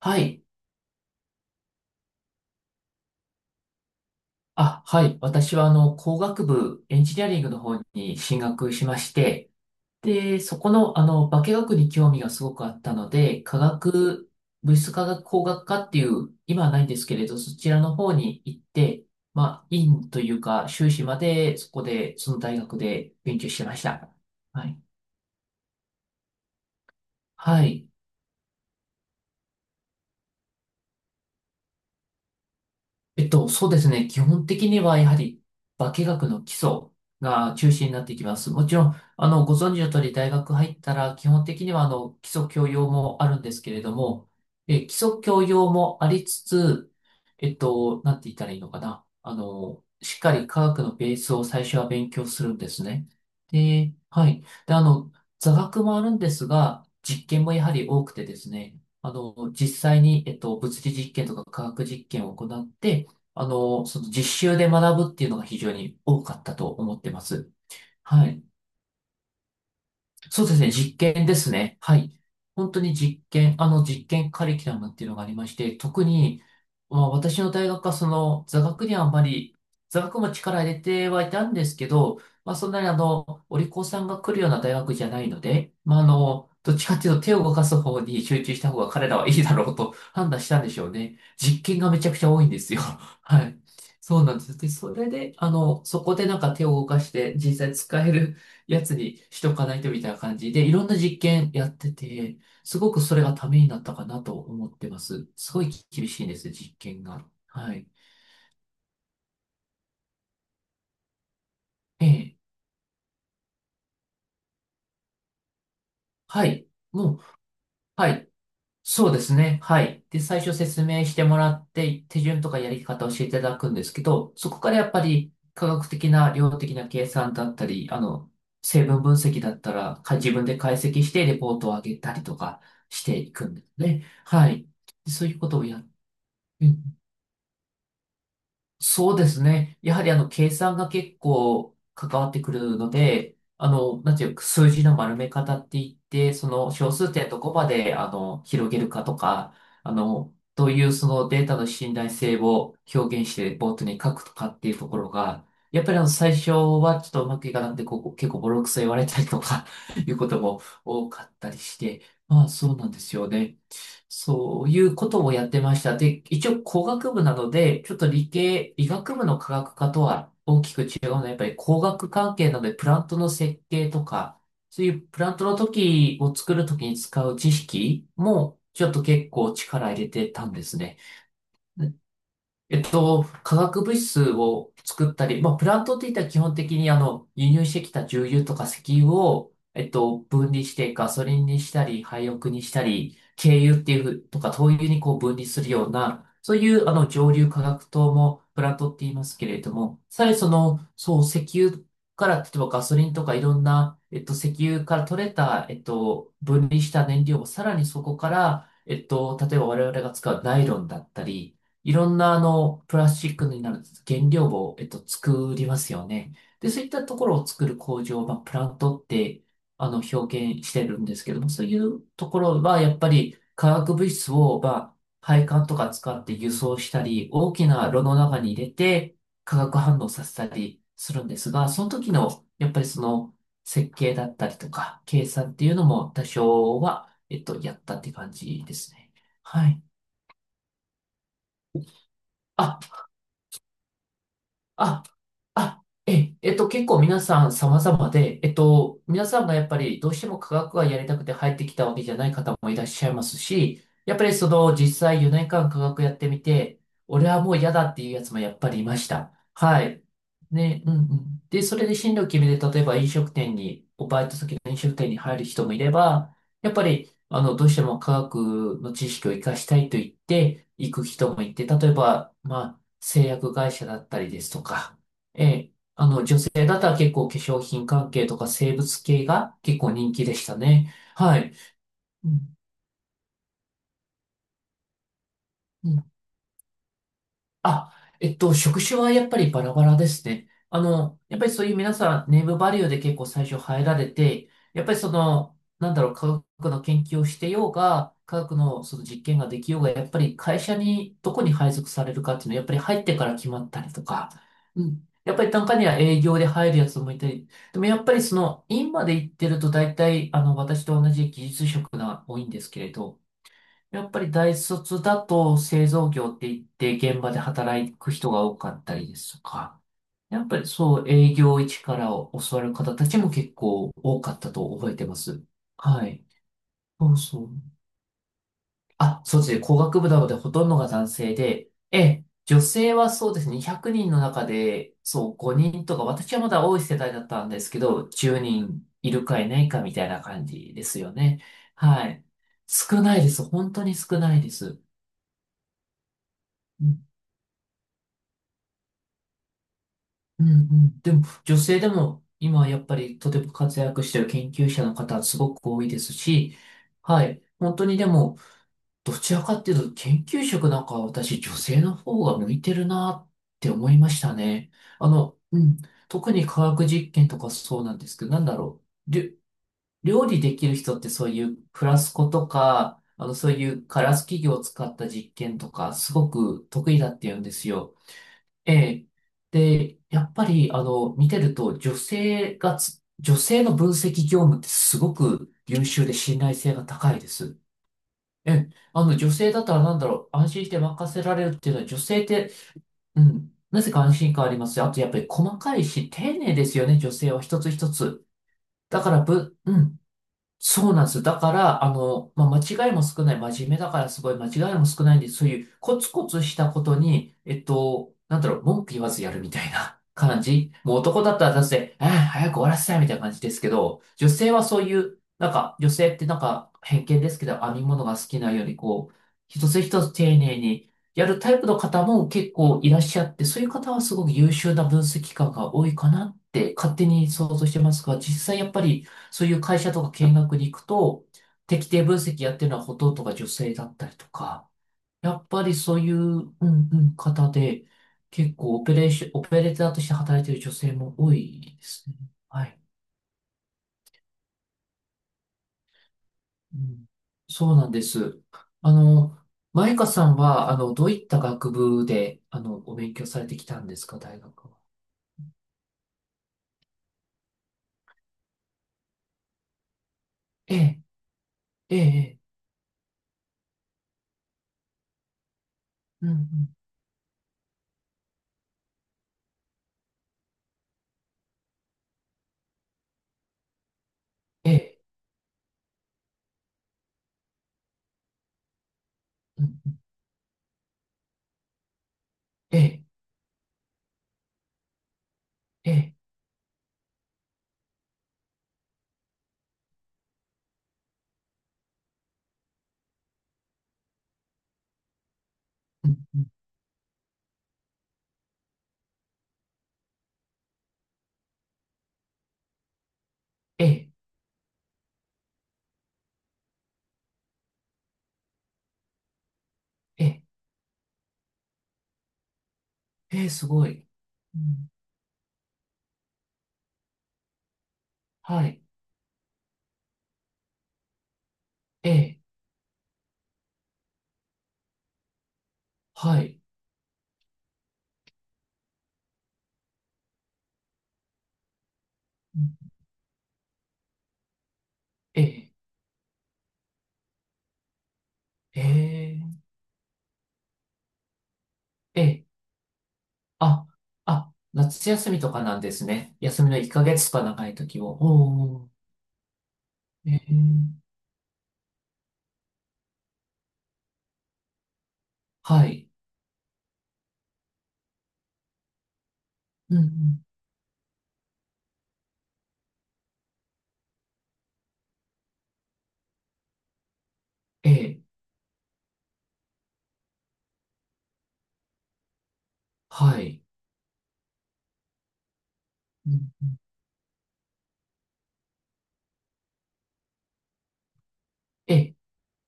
はい。はい。私は、工学部、エンジニアリングの方に進学しまして、で、そこの、化学に興味がすごくあったので、化学、物質化学工学科っていう、今はないんですけれど、そちらの方に行って、まあ、院というか、修士まで、そこで、その大学で勉強してました。はい。はい。そうですね。基本的にはやはり化学の基礎が中心になってきます。もちろん、ご存知の通り大学入ったら基本的には基礎教養もあるんですけれども、基礎教養もありつつ、なんて言ったらいいのかな。しっかり科学のベースを最初は勉強するんですね。で、はい。で、座学もあるんですが、実験もやはり多くてですね、実際に、物理実験とか科学実験を行って、その実習で学ぶっていうのが非常に多かったと思ってます。はい。そうですね、実験ですね。はい。本当に実験、あの実験カリキュラムっていうのがありまして、特に、まあ、私の大学はその座学にはあんまり、座学も力入れてはいたんですけど、まあ、そんなにお利口さんが来るような大学じゃないので、まあ、どっちかっていうと手を動かす方に集中した方が彼らはいいだろうと 判断したんでしょうね。実験がめちゃくちゃ多いんですよ。はい。そうなんです。で、それで、そこでなんか手を動かして実際使えるやつにしとかないとみたいな感じで、いろんな実験やってて、すごくそれがためになったかなと思ってます。すごい厳しいんです、実験が。はい。ええ。はい。もう、はい。そうですね。はい。で、最初説明してもらって、手順とかやり方を教えていただくんですけど、そこからやっぱり科学的な量的な計算だったり、成分分析だったら、か自分で解析してレポートを上げたりとかしていくんですね。はい。でそういうことをやって、そうですね。やはり計算が結構関わってくるので、なんていうか、数字の丸め方って言って、その小数点どこまで、広げるかとか、どういうそのデータの信頼性を表現してボートに書くとかっていうところが、やっぱり最初はちょっとうまくいかなくて、ここ結構ボロクソ言われたりとか いうことも多かったりして、まあそうなんですよね。そういうことをやってました。で、一応工学部なので、ちょっと理系、医学部の科学科とは大きく違うのは、やっぱり工学関係なので、プラントの設計とか、そういうプラントの時を作る時に使う知識も、ちょっと結構力入れてたんですね。化学物質を作ったり、まあ、プラントっていったら基本的に輸入してきた重油とか石油を、分離してガソリンにしたり、廃屋にしたり、軽油っていうふうとか、灯油にこう分離するような、そういう蒸留化学灯もプラントって言いますけれども、さらにその、そう、石油から、例えばガソリンとかいろんな、石油から取れた、分離した燃料をさらにそこから、例えば我々が使うナイロンだったり、いろんなプラスチックになる原料を、作りますよね。で、そういったところを作る工場、まあ、プラントって、表現してるんですけども、そういうところは、やっぱり化学物質を、まあ、配管とか使って輸送したり、大きな炉の中に入れて、化学反応させたりするんですが、その時の、やっぱりその、設計だったりとか、計算っていうのも多少は、やったって感じですね。はい。あ、あ、結構皆さん様々で、皆さんがやっぱりどうしても科学がやりたくて入ってきたわけじゃない方もいらっしゃいますし、やっぱりその実際4年間科学やってみて、俺はもう嫌だっていうやつもやっぱりいました。はい。ね、うんうん。で、それで進路を決めて、例えば飲食店に、おバイト先の飲食店に入る人もいれば、やっぱり、どうしても科学の知識を活かしたいと言って、行く人もいて、例えば、まあ、製薬会社だったりですとか、ええ、女性だったら結構化粧品関係とか生物系が結構人気でしたね。はい。うんあ、職種はやっぱりバラバラですね。やっぱりそういう皆さん、ネームバリューで結構最初入られて、やっぱりその、なんだろう、科学の研究をしてようが、科学のその実験ができようが、やっぱり会社にどこに配属されるかっていうのは、やっぱり入ってから決まったりとか、うん。やっぱり中には営業で入るやつもいたり、でもやっぱりその、院まで行ってると大体、私と同じ技術職が多いんですけれど、やっぱり大卒だと製造業って言って現場で働く人が多かったりですとか、やっぱりそう営業一から教わる方たちも結構多かったと覚えてます。はい。そうそう。そうですね。工学部なのでほとんどが男性で、ええ、女性はそうですね。100人の中で、そう、5人とか、私はまだ多い世代だったんですけど、10人いるかいないかみたいな感じですよね。はい。少ないです。本当に少ないです。うんうん。でも、女性でも、今はやっぱりとても活躍してる研究者の方はすごく多いですし、はい。本当にでも、どちらかっていうと、研究職なんかは私、女性の方が向いてるなって思いましたね。うん。特に科学実験とかそうなんですけど、なんだろう。料理できる人ってそういうフラスコとか、そういうガラス器具を使った実験とか、すごく得意だって言うんですよ。ええ。で、やっぱり、見てると、女性の分析業務ってすごく優秀で信頼性が高いです。ええ、女性だったらなんだろう、安心して任せられるっていうのは、女性って、うん、なぜか安心感ありますよ。あと、やっぱり細かいし、丁寧ですよね、女性は一つ一つ。だから、ぶ、うん、そうなんですよ。だから、まあ、間違いも少ない、真面目だからすごい間違いも少ないんで、そういうコツコツしたことに、なんだろう、文句言わずやるみたいな 感じ。もう男だったらだって、ああ、早く終わらせたいみたいな感じですけど、女性はそういう、なんか、女性ってなんか偏見ですけど、編み物が好きなように、こう、一つ一つ丁寧にやるタイプの方も結構いらっしゃって、そういう方はすごく優秀な分析官が多いかなって勝手に想像してますが、実際やっぱり、そういう会社とか見学に行くと、適定分析やってるのはほとんどが女性だったりとか、やっぱりそういう、うんうん、方で、結構オペレーション、オペレーターとして働いてる女性も多いですね。はい。うん、そうなんです。あの、マイカさんは、どういった学部で、お勉強されてきたんですか、大学は。ええ、ええ、ええうんうん、ええ、うんうんええ、ええ、うんうんええ、ええ、ええすごい。うん、はい。ええ、はい。うんええ、ええ、ええ、あ、夏休みとかなんですね。休みの1ヶ月とか長い時を。おお、ええ、はい。うんうん、ええ、はい。うん、ええ、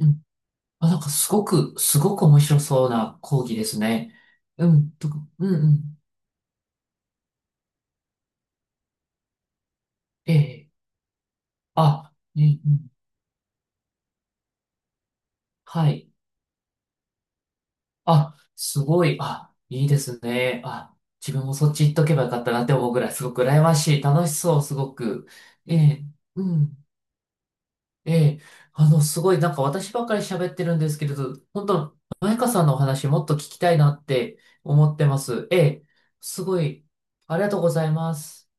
うん。あ、なんかすごく、すごく面白そうな講義ですね。うん、とか、うんうん、ええ、あ、うんうん、はい。あ、すごい。あ、いいですね。あ、自分もそっち行っとけばよかったなって思うぐらい、すごく羨ましい。楽しそう、すごく。ええ、うん。ええ、すごい、なんか私ばっかり喋ってるんですけれど、本当、マイカさんのお話もっと聞きたいなって思ってます。ええ、すごい。ありがとうございます。